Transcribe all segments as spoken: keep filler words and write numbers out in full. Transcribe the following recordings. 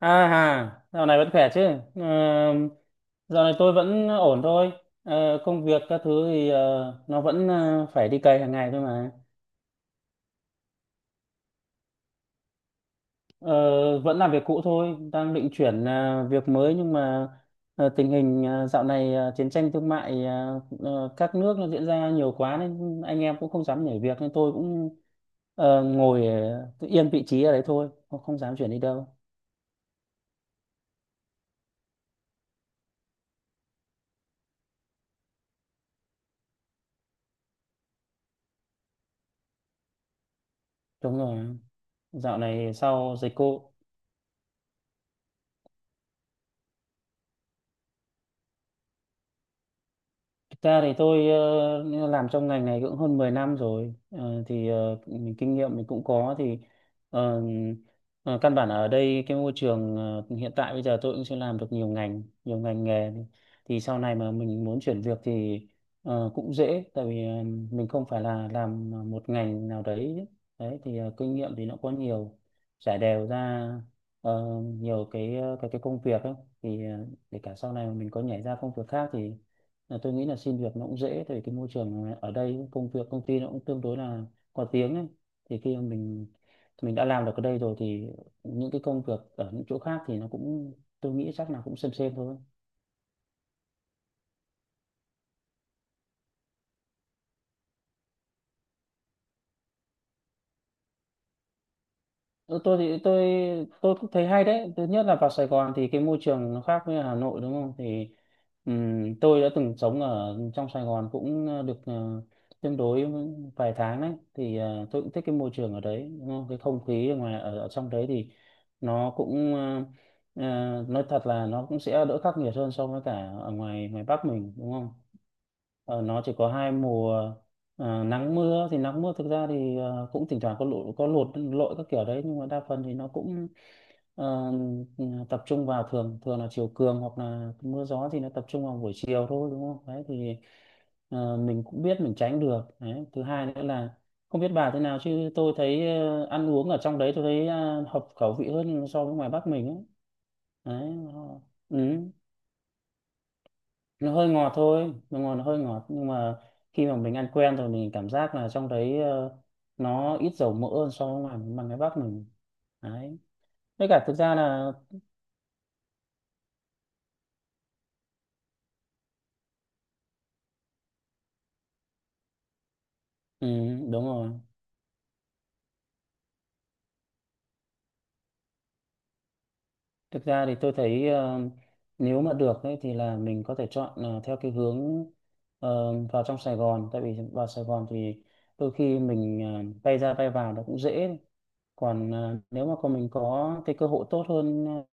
À hà, dạo này vẫn khỏe chứ? Ờ, dạo này tôi vẫn ổn thôi. Ờ, công việc các thứ thì ờ, nó vẫn ờ, phải đi cày hàng ngày thôi mà. Ờ, vẫn làm việc cũ thôi, đang định chuyển ờ, việc mới, nhưng mà ờ, tình hình ờ, dạo này ờ, chiến tranh thương mại ờ, ờ, các nước nó diễn ra nhiều quá nên anh em cũng không dám nhảy việc, nên tôi cũng ờ, ngồi ờ, cứ yên vị trí ở đấy thôi, không không dám chuyển đi đâu. Đúng rồi, dạo này sau dịch cô. Thực ra thì tôi ờ, làm trong ngành này cũng hơn mười năm rồi. Ờ, thì ờ, mình kinh nghiệm mình cũng có thì ờ, ờ, căn bản ở đây cái môi trường ờ, hiện tại bây giờ tôi cũng sẽ làm được nhiều ngành nhiều ngành nghề, thì thì sau này mà mình muốn chuyển việc thì ờ, cũng dễ, tại vì ờ, mình không phải là làm một ngành nào đấy. Đấy thì ờ, kinh nghiệm thì nó có nhiều, trải đều ra ờ, nhiều cái ờ, cái cái công việc ấy. Thì ờ, để cả sau này mà mình có nhảy ra công việc khác thì là tôi nghĩ là xin việc nó cũng dễ, tại vì cái môi trường ở đây, công việc công ty nó cũng tương đối là có tiếng ấy. Thì khi mà mình mình đã làm được ở đây rồi thì những cái công việc ở những chỗ khác thì nó cũng, tôi nghĩ chắc là cũng xem xem thôi. Ừ, tôi thì tôi tôi cũng thấy hay đấy. Thứ nhất là vào Sài Gòn thì cái môi trường nó khác với Hà Nội, đúng không? Thì ừm, tôi đã từng sống ở trong Sài Gòn cũng ờ, được ờ, tương đối vài tháng đấy. Thì ờ, tôi cũng thích cái môi trường ở đấy, đúng không? Cái không khí ở ngoài ở, ở trong đấy thì nó cũng ờ, ờ, nói thật là nó cũng sẽ đỡ khắc nghiệt hơn so với cả ở ngoài ngoài Bắc mình, đúng không. Ờ, nó chỉ có hai mùa, ờ, nắng mưa. Thì nắng mưa thực ra thì ờ, cũng thỉnh thoảng có lụt có lụt lội các kiểu đấy, nhưng mà đa phần thì nó cũng ờ, tập trung vào, thường thường là chiều cường, hoặc là mưa gió thì nó tập trung vào buổi chiều thôi, đúng không? Đấy thì ờ, mình cũng biết mình tránh được. Đấy. Thứ hai nữa là, không biết bà thế nào chứ tôi thấy ờ, ăn uống ở trong đấy tôi thấy ờ, hợp khẩu vị hơn so với ngoài Bắc mình ấy. Đấy. nó- Ừ, nó hơi ngọt thôi, nó ngọt nó hơi ngọt, nhưng mà khi mà mình ăn quen rồi mình cảm giác là trong đấy ờ, nó ít dầu mỡ hơn so với ngoài bằng cái Bắc mình. Đấy. Với cả thực ra là, ừ, đúng rồi, thực ra thì tôi thấy ờ, nếu mà được ấy, thì là mình có thể chọn ờ, theo cái hướng ờ, vào trong Sài Gòn, tại vì vào Sài Gòn thì đôi khi mình ờ, bay ra bay vào nó cũng dễ. Còn ờ, nếu mà còn mình có cái cơ hội tốt hơn, ờ,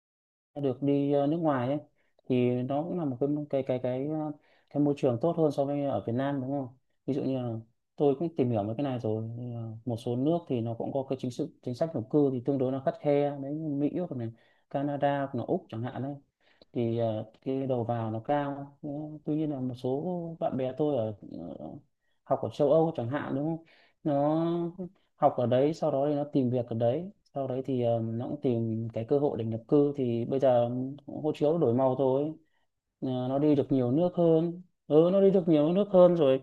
được đi ờ, nước ngoài ấy, thì nó cũng là một cái cái cái cái ờ, cái môi trường tốt hơn so với ở Việt Nam, đúng không? Ví dụ như là, tôi cũng tìm hiểu mấy cái này rồi, nhưng mà một số nước thì nó cũng có cái chính sự chính sách nhập cư thì tương đối nó khắt khe đấy, như Mỹ, hoặc này Canada, hoặc là Úc chẳng hạn. Đấy thì ờ, cái đầu vào nó cao. Ờ, tuy nhiên là một số bạn bè tôi ở ờ, học ở châu Âu chẳng hạn, đúng không, nó học ở đấy, sau đó thì nó tìm việc ở đấy, sau đấy thì ờ, nó cũng tìm cái cơ hội để nhập cư. Thì bây giờ hộ chiếu nó đổi màu thôi. Ờ, nó đi được nhiều nước hơn, ừ, nó đi được nhiều nước hơn rồi.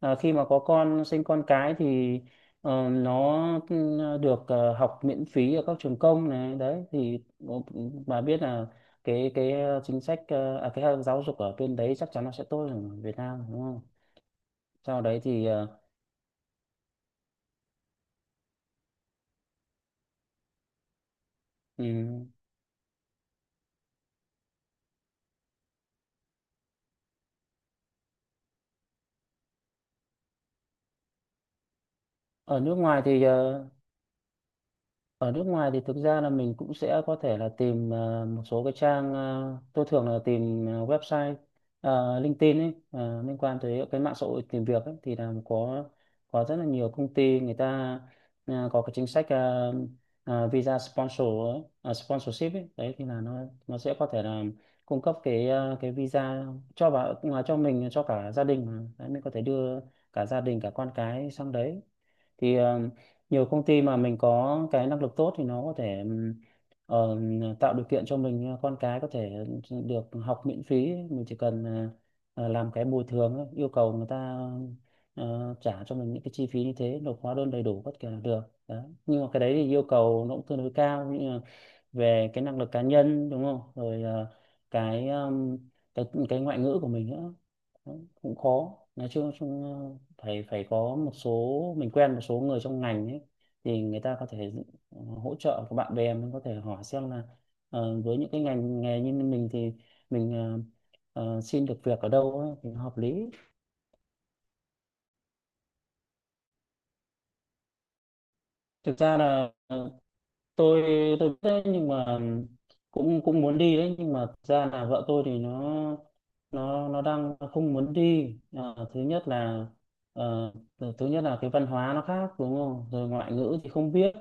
À, khi mà có con, sinh con cái thì ờ, nó, ừ, được ờ, học miễn phí ở các trường công này. Đấy thì ờ, bà biết là cái cái ờ, chính sách ờ, à, cái giáo dục ở bên đấy chắc chắn nó sẽ tốt hơn ở Việt Nam, đúng không. Sau đấy thì ờ, ừ, ở nước ngoài thì ờ, ở nước ngoài thì thực ra là mình cũng sẽ có thể là tìm ờ, một số cái trang. ờ, tôi thường là tìm ờ, website ờ, LinkedIn ấy, ờ, liên quan tới cái mạng xã hội tìm việc ấy. Thì là có có rất là nhiều công ty người ta ờ, có cái chính sách ờ, ờ, visa sponsor ấy, ờ, sponsorship ấy. Đấy thì là nó nó sẽ có thể là cung cấp cái ờ, cái visa cho vào ngoài cho mình, cho cả gia đình mà. Đấy, mình có thể đưa cả gia đình, cả con cái sang đấy. Thì ờ, nhiều công ty mà mình có cái năng lực tốt thì nó có thể ừm, ờ, tạo điều kiện cho mình, ờ, con cái có thể được học miễn phí. Mình chỉ cần ờ, ờ, làm cái bồi thường ấy, yêu cầu người ta ờ, trả cho mình những cái chi phí như thế, nộp hóa đơn đầy đủ tất cả là được đó. Nhưng mà cái đấy thì yêu cầu nó cũng tương đối cao về cái năng lực cá nhân, đúng không, rồi ờ, cái um, cái cái ngoại ngữ của mình nữa. Đấy, cũng khó. Nói chung, chung ờ, phải phải có một số, mình quen một số người trong ngành ấy, thì người ta có thể ờ, hỗ trợ. Của bạn bè mình có thể hỏi xem là ờ, với những cái ngành nghề như mình thì mình ờ, ờ, xin được việc ở đâu ấy, thì hợp lý. Thực ra là ờ, tôi tôi biết đấy, nhưng mà cũng cũng muốn đi đấy, nhưng mà thực ra là vợ tôi thì nó nó nó đang không muốn đi. Ờ, thứ nhất là ờ, thứ thứ nhất là cái văn hóa nó khác, đúng không, rồi ngoại ngữ thì không biết.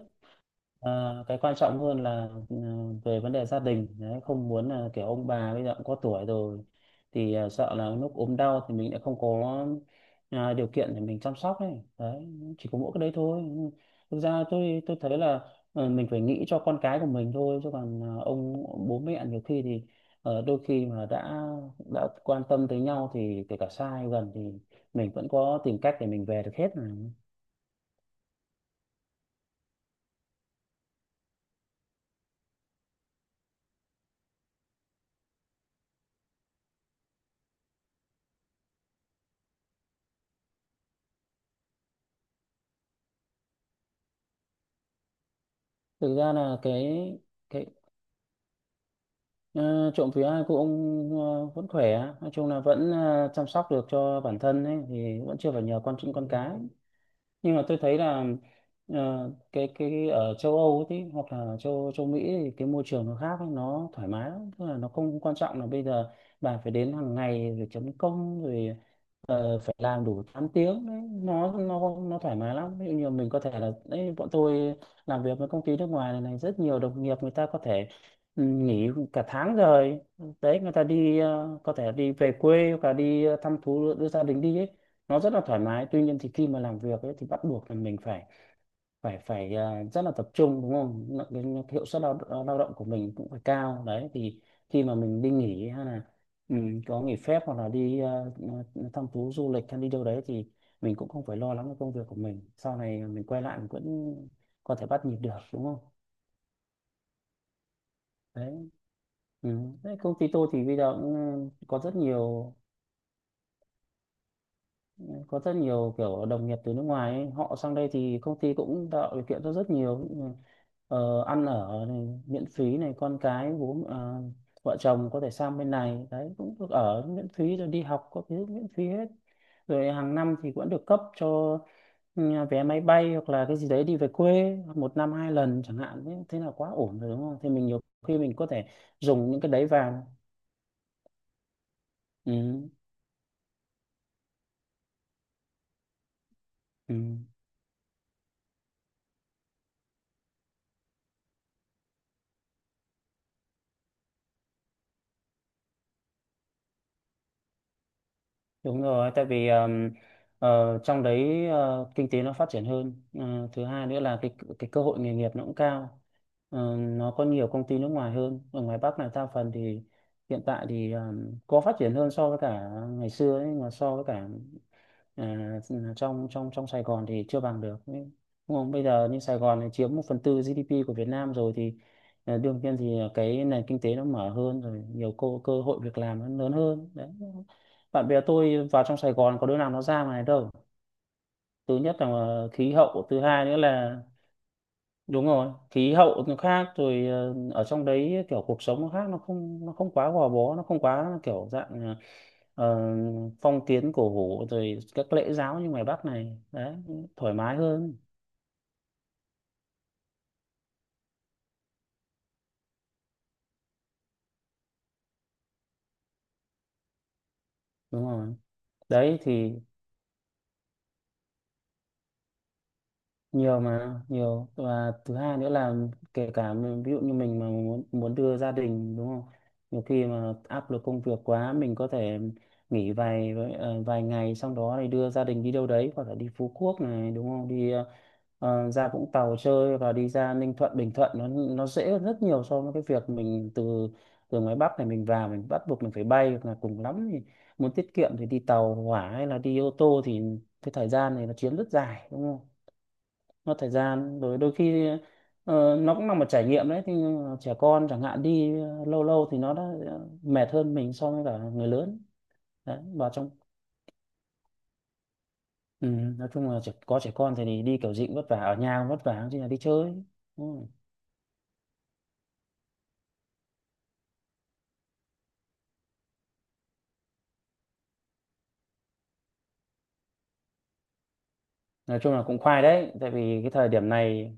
À, cái quan trọng hơn là, ừ, về vấn đề gia đình đấy, không muốn là kiểu ông bà bây giờ cũng có tuổi rồi thì à, sợ là lúc ốm đau thì mình lại không có à, điều kiện để mình chăm sóc ấy. Đấy, chỉ có mỗi cái đấy thôi. Thực ra tôi tôi thấy là ờ, mình phải nghĩ cho con cái của mình thôi, chứ còn à, ông bố mẹ nhiều khi thì ờ, đôi khi mà đã đã quan tâm tới nhau thì kể cả xa hay gần thì mình vẫn có tìm cách để mình về được hết mà. Thực ra là cái cái Ờ, trộm vía cô ông ờ, vẫn khỏe, nói chung là vẫn ờ, chăm sóc được cho bản thân ấy, thì vẫn chưa phải nhờ con chim con cái. Nhưng mà tôi thấy là ờ, cái cái ở châu Âu ấy tí, hoặc là châu châu Mỹ thì cái môi trường nó khác ấy, nó thoải mái lắm, tức là nó không quan trọng là bây giờ bà phải đến hàng ngày rồi chấm công rồi ờ, phải làm đủ tám tiếng. Đấy, nó nó nó thoải mái lắm. Ví dụ như mình có thể là, đấy, bọn tôi làm việc với công ty nước ngoài này, này rất nhiều đồng nghiệp người ta có thể, ừ, nghỉ cả tháng rồi. Đấy, người ta đi ờ, có thể đi về quê, hoặc là đi ờ, thăm thú đưa gia đình đi ấy. Nó rất là thoải mái. Tuy nhiên thì khi mà làm việc ấy, thì bắt buộc là mình phải phải phải à, rất là tập trung, đúng không. Nó- cái, cái hiệu suất lao, lao động của mình cũng phải cao. Đấy thì khi mà mình đi nghỉ, hay là, ừ, có nghỉ phép, hoặc là đi à, thăm thú du lịch, hay đi đâu đấy, thì mình cũng không phải lo lắng về công việc của mình. Sau này mình quay lại mình vẫn có thể bắt nhịp được, đúng không. Đấy. Ừ. Đấy, công ty tôi thì bây giờ cũng ờ, có rất nhiều, có rất nhiều kiểu đồng nghiệp từ nước ngoài ấy. Họ sang đây thì công ty cũng tạo điều kiện cho rất nhiều ờ, ăn ở này, miễn phí này, con cái, bố, ờ, vợ chồng có thể sang bên này đấy cũng được ở miễn phí, rồi đi học có thứ miễn phí hết, rồi hàng năm thì vẫn được cấp cho ừ, vé máy bay hoặc là cái gì đấy đi về quê một năm hai lần chẳng hạn. Thế, thế là quá ổn rồi đúng không? Thì mình nhiều khi mình có thể dùng những cái đấy vào. Ừ. Ừ. Đúng rồi, tại vì um, ờ, trong đấy ờ, kinh tế nó phát triển hơn. Ờ, Thứ hai nữa là cái cái cơ hội nghề nghiệp nó cũng cao. Ờ, nó có nhiều công ty nước ngoài hơn. Ở ngoài Bắc này đa phần thì hiện tại thì um, có phát triển hơn so với cả ngày xưa ấy, mà so với cả à, trong trong trong Sài Gòn thì chưa bằng được, đúng không? Bây giờ như Sài Gòn này chiếm một phần tư giê đê pê của Việt Nam rồi, thì à, đương nhiên thì cái nền kinh tế nó mở hơn rồi, nhiều cơ cơ hội việc làm nó lớn hơn đấy. Bạn bè tôi vào trong Sài Gòn có đứa nào nó ra ngoài đâu. Thứ nhất là ờ, khí hậu, thứ hai nữa là, đúng rồi, khí hậu nó khác rồi. ờ, Ở trong đấy kiểu cuộc sống nó khác, nó không nó không quá gò bó, nó không quá kiểu dạng ờ, ờ, phong kiến cổ hủ rồi các lễ giáo như ngoài Bắc này đấy, thoải mái hơn. Đúng rồi, đấy thì nhiều, mà nhiều, và thứ hai nữa là kể cả mình- ví dụ như mình mà muốn muốn đưa gia đình, đúng không? Nhiều khi mà áp lực công việc quá, mình có thể nghỉ vài ờ, vài ngày, xong đó thì đưa gia đình đi đâu đấy, hoặc là đi Phú Quốc này đúng không, đi ờ, ờ, ra Vũng Tàu chơi, và đi ra Ninh Thuận, Bình Thuận, nó nó dễ hơn rất nhiều so với cái việc mình từ từ ngoài Bắc này mình vào, mình bắt buộc mình phải bay hoặc là cùng lắm thì muốn tiết kiệm thì đi tàu hỏa hay là đi ô tô, thì cái thời gian này nó chiếm rất dài, đúng không? Mất thời gian rồi, đôi khi ờ, nó cũng là một trải nghiệm đấy, thì trẻ con chẳng hạn đi ờ, lâu lâu thì nó đã ờ, mệt hơn mình so với cả người lớn. Đấy, vào trong, ừ, nói chung là trẻ, có trẻ con thì đi kiểu gì cũng vất vả, ở nhà cũng vất vả chứ là đi chơi. Ừ. Nói chung là cũng khoai đấy, tại vì cái thời điểm này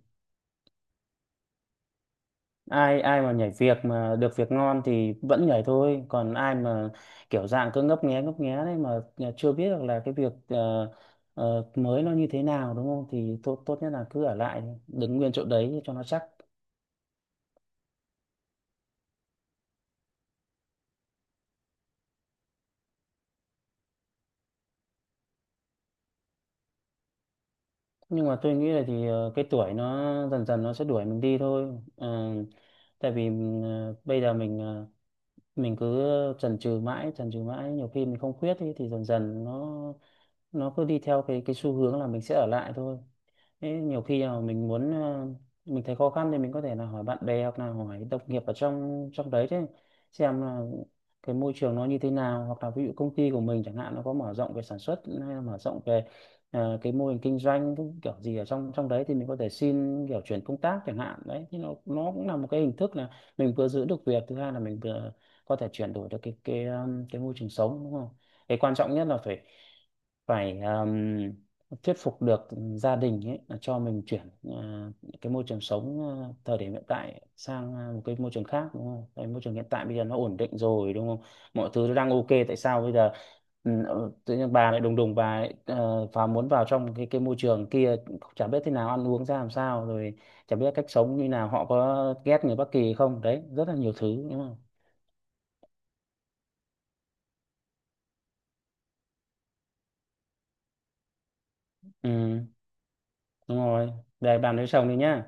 ai ai mà nhảy việc mà được việc ngon thì vẫn nhảy thôi, còn ai mà kiểu dạng cứ ngấp nghé ngấp nghé đấy mà à, chưa biết được là cái việc ờ, ờ, mới nó như thế nào, đúng không, thì tốt tốt nhất là cứ ở lại, đứng nguyên chỗ đấy cho nó chắc. Nhưng mà tôi nghĩ là thì ờ, cái tuổi nó dần dần nó sẽ đuổi mình đi thôi. Ờ, Tại vì ờ, bây giờ mình ờ, mình cứ chần chừ mãi, chần chừ mãi, nhiều khi mình không quyết ý, thì dần dần nó nó cứ đi theo cái cái xu hướng là mình sẽ ở lại thôi. Thế nhiều khi là mình muốn ờ, mình thấy khó khăn thì mình có thể là hỏi bạn bè hoặc là hỏi đồng nghiệp ở trong trong đấy chứ, xem là cái môi trường nó như thế nào, hoặc là ví dụ công ty của mình chẳng hạn nó có mở rộng về sản xuất hay là mở rộng về ờ, cái mô hình kinh doanh cái kiểu gì ở trong trong đấy, thì mình có thể xin kiểu chuyển công tác chẳng hạn, đấy thì nó nó cũng là một cái hình thức là mình vừa giữ được việc, thứ hai là mình vừa có thể chuyển đổi được cái cái ờ, cái môi trường sống, đúng không? Cái quan trọng nhất là phải phải thuyết phục được gia đình ấy là cho mình chuyển à, cái môi trường sống à, thời điểm hiện tại sang à, một cái môi trường khác, đúng không? Cái môi trường hiện tại bây giờ nó ổn định rồi đúng không? Mọi thứ nó đang ok, tại sao bây giờ ừ, ờ, tự nhiên bà lại đùng đùng, bà lại ờ, vào muốn vào trong cái cái môi trường kia, chả biết thế nào, ăn uống ra làm sao, rồi chả biết cách sống như nào, họ có ghét người Bắc Kỳ không? Đấy, rất là nhiều thứ đúng không? Ừ, đúng rồi. Để bàn với chồng đi nhá.